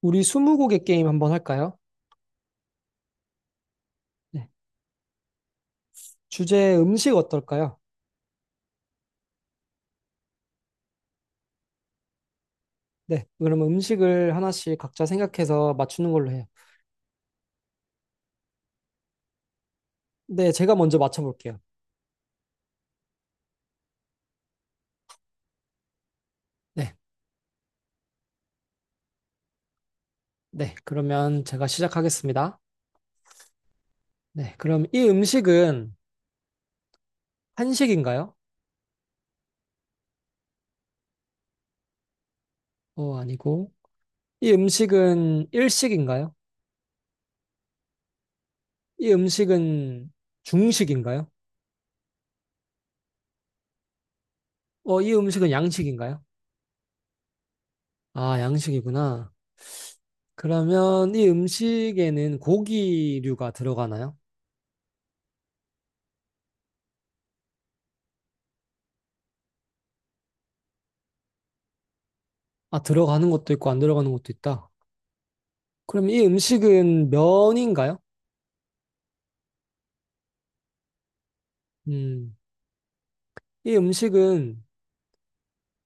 우리 스무고개 게임 한번 할까요? 네. 주제 음식 어떨까요? 네. 그러면 음식을 하나씩 각자 생각해서 맞추는 걸로 해요. 네. 제가 먼저 맞춰볼게요. 네. 네. 그러면 제가 시작하겠습니다. 네. 그럼 이 음식은 한식인가요? 어, 아니고. 이 음식은 일식인가요? 이 음식은 중식인가요? 어, 이 음식은 양식인가요? 아, 양식이구나. 그러면 이 음식에는 고기류가 들어가나요? 아, 들어가는 것도 있고 안 들어가는 것도 있다. 그럼 이 음식은 면인가요? 음, 이 음식은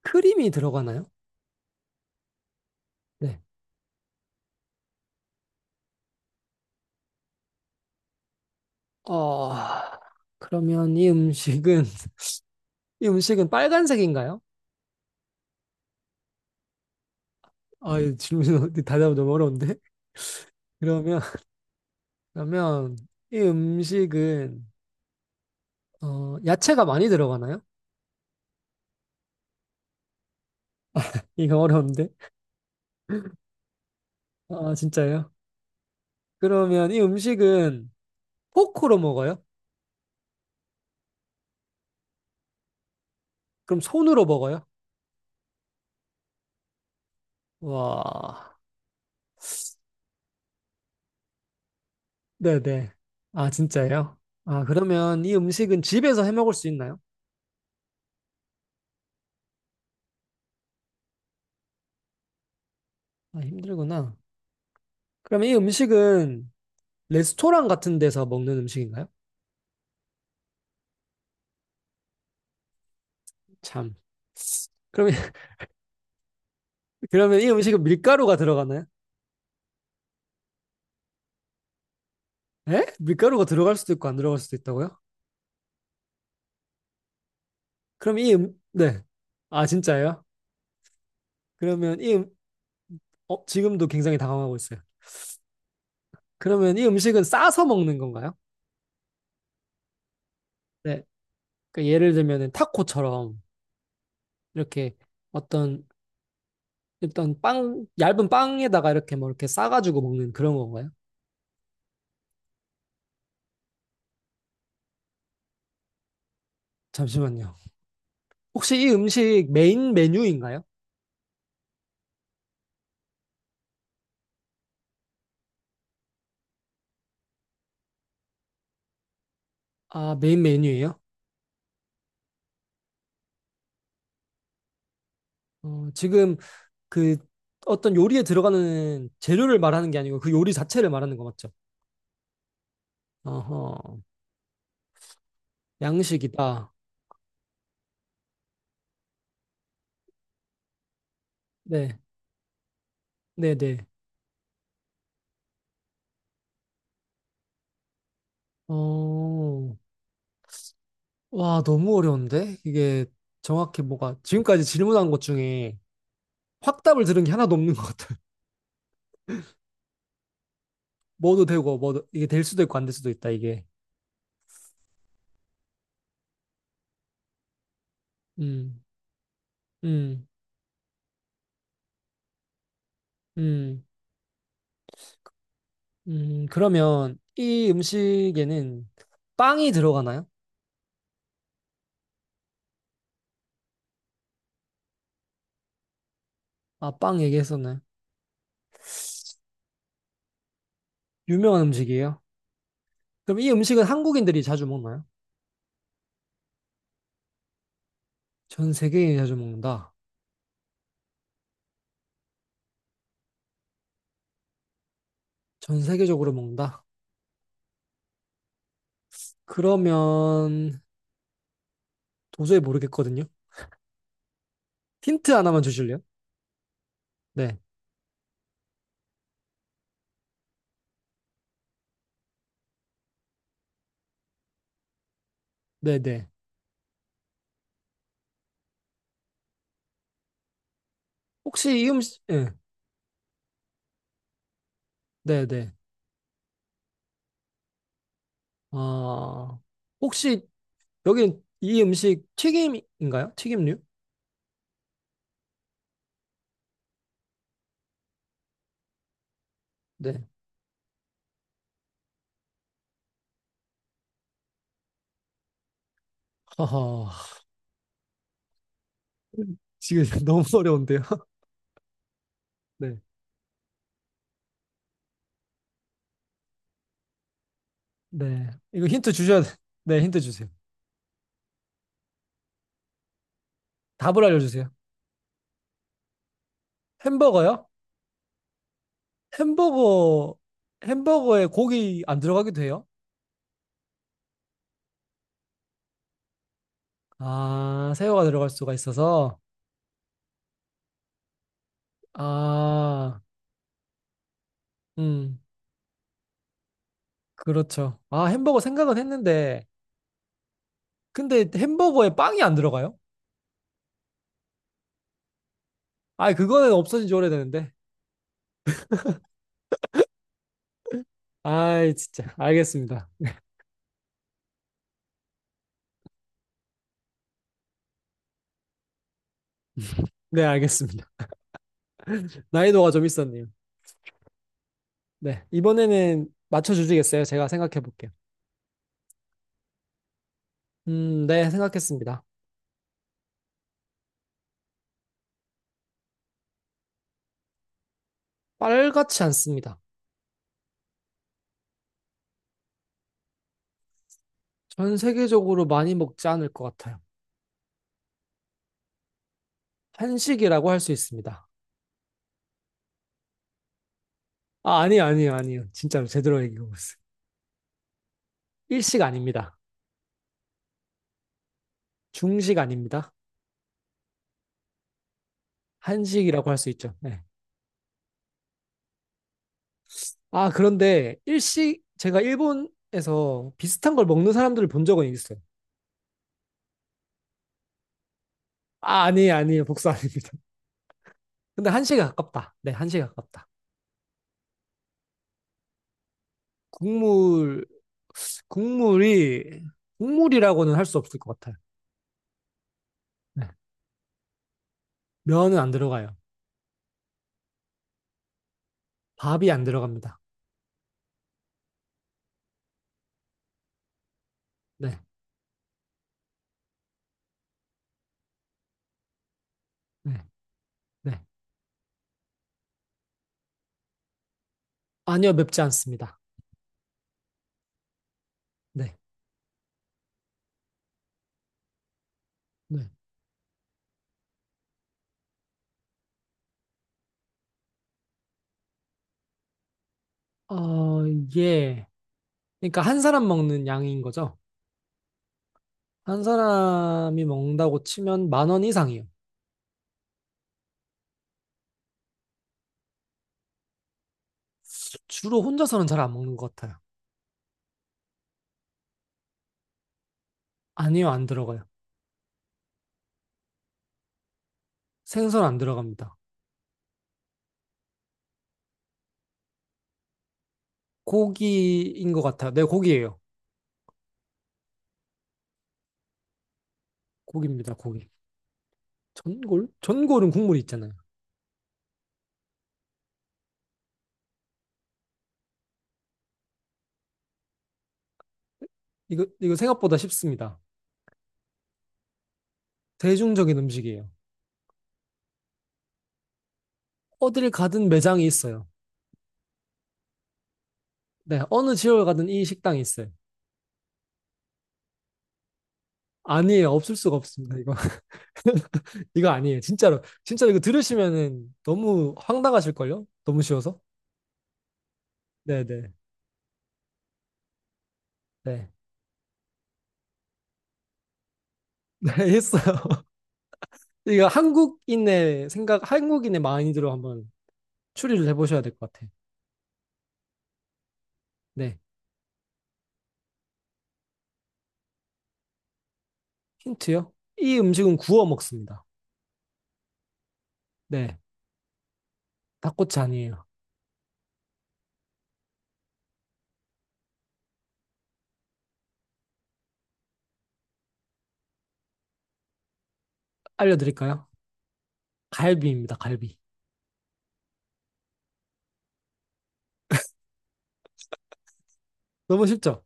크림이 들어가나요? 네. 어, 그러면 이 음식은, 이 음식은 빨간색인가요? 아, 이 질문, 대답 너무 어려운데? 그러면, 그러면 이 음식은, 어, 야채가 많이 들어가나요? 이거 어려운데? 아, 진짜요? 그러면 이 음식은 포크로 먹어요? 그럼 손으로 먹어요? 와. 네네. 아, 진짜예요? 아, 그러면 이 음식은 집에서 해 먹을 수 있나요? 아, 힘들구나. 그러면 이 음식은 레스토랑 같은 데서 먹는 음식인가요? 참. 그러면, 그러면 이 음식은 밀가루가 들어가나요? 에? 밀가루가 들어갈 수도 있고 안 들어갈 수도 있다고요? 그럼 이 네. 아, 진짜예요? 그러면 이 어, 지금도 굉장히 당황하고 있어요. 그러면 이 음식은 싸서 먹는 건가요? 네. 그러니까 예를 들면 타코처럼 이렇게 어떤 일단 빵, 얇은 빵에다가 이렇게 뭐 이렇게 싸가지고 먹는 그런 건가요? 잠시만요. 혹시 이 음식 메인 메뉴인가요? 아, 메인 메뉴예요? 어, 지금 그 어떤 요리에 들어가는 재료를 말하는 게 아니고 그 요리 자체를 말하는 거 맞죠? 어허, 양식이다. 네, 네, 네. 어, 와, 너무 어려운데? 이게 정확히 뭐가 지금까지 질문한 것 중에 확답을 들은 게 하나도 없는 것 같아요. 뭐도 되고, 뭐도 이게 될 수도 있고 안 될 수도 있다, 이게. 음. 음. 음, 음, 그러면 이 음식에는 빵이 들어가나요? 아, 빵 얘기했었나요? 유명한 음식이에요? 그럼 이 음식은 한국인들이 자주 먹나요? 전 세계인이 자주 먹는다. 전 세계적으로 먹는다. 그러면 도저히 모르겠거든요. 힌트 하나만 주실래요? 네, 네, 네. 혹시 이 음식, 예, 네, 네. 아... 혹시 여기 이 음식 튀김인가요? 튀김류? 네. 허허, 지금 너무 어려운데요. 네. 네. 이거 힌트 주셔야 돼. 네, 힌트 주세요. 답을 알려주세요. 햄버거요? 햄버거, 햄버거에 고기 안 들어가게 돼요? 아, 새우가 들어갈 수가 있어서. 아, 음, 그렇죠. 아, 햄버거 생각은 했는데. 근데 햄버거에 빵이 안 들어가요? 아, 그거는 없어진 지 오래되는데. 아이, 진짜. 알겠습니다. 네, 알겠습니다. 난이도가 좀 있었네요. 네. 이번에는 맞춰주시겠어요? 제가 생각해 볼게요. 네, 생각했습니다. 빨갛지 않습니다. 전 세계적으로 많이 먹지 않을 것 같아요. 한식이라고 할 수 있습니다. 아, 아니요, 아니요, 아니요. 진짜로 제대로 얘기하고 있어요. 일식 아닙니다. 중식 아닙니다. 한식이라고 할 수 있죠. 네. 아, 그런데 일식, 제가 일본에서 비슷한 걸 먹는 사람들을 본 적은 있어요. 아, 아니에요, 아니에요. 복수 아닙니다. 근데 한식에 가깝다. 네, 한식에 가깝다. 국물, 국물이, 국물이라고는 할 수 없을 것 같아요. 네. 면은 안 들어가요. 밥이 안 들어갑니다. 네, 네, 네. 아니요, 맵지 않습니다. 네. 네. 어, 예 그러니까 한 사람 먹는 양인 거죠. 한 사람이 먹는다고 치면 10,000원 이상이에요. 주로 혼자서는 잘 안 먹는 것 같아요. 아니요, 안 들어가요. 생선 안 들어갑니다. 고기인 것 같아요. 네, 고기예요. 고기입니다, 고기. 전골? 전골은 국물이 있잖아요. 이거 생각보다 쉽습니다. 대중적인 음식이에요. 어딜 가든 매장이 있어요. 네, 어느 지역을 가든 이 식당이 있어요. 아니에요, 없을 수가 없습니다, 이거. 이거 아니에요. 진짜로. 진짜로 이거 들으시면은 너무 황당하실걸요? 너무 쉬워서. 네네. 네. 네, 했어요. 이거 한국인의 생각, 한국인의 마인드로 한번 추리를 해보셔야 될 것 같아요. 네. 힌트요? 이 음식은 구워 먹습니다. 네. 닭꼬치 아니에요. 알려드릴까요? 갈비입니다. 갈비. 너무 쉽죠?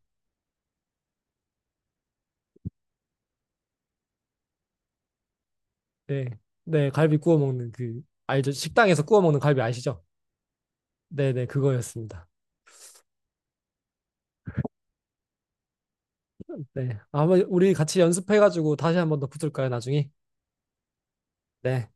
네. 네. 갈비 구워 먹는 그, 알죠? 식당에서 구워 먹는 갈비 아시죠? 네네. 그거였습니다. 네. 아마 우리 같이 연습해가지고 다시 한번 더 붙을까요? 나중에? 네.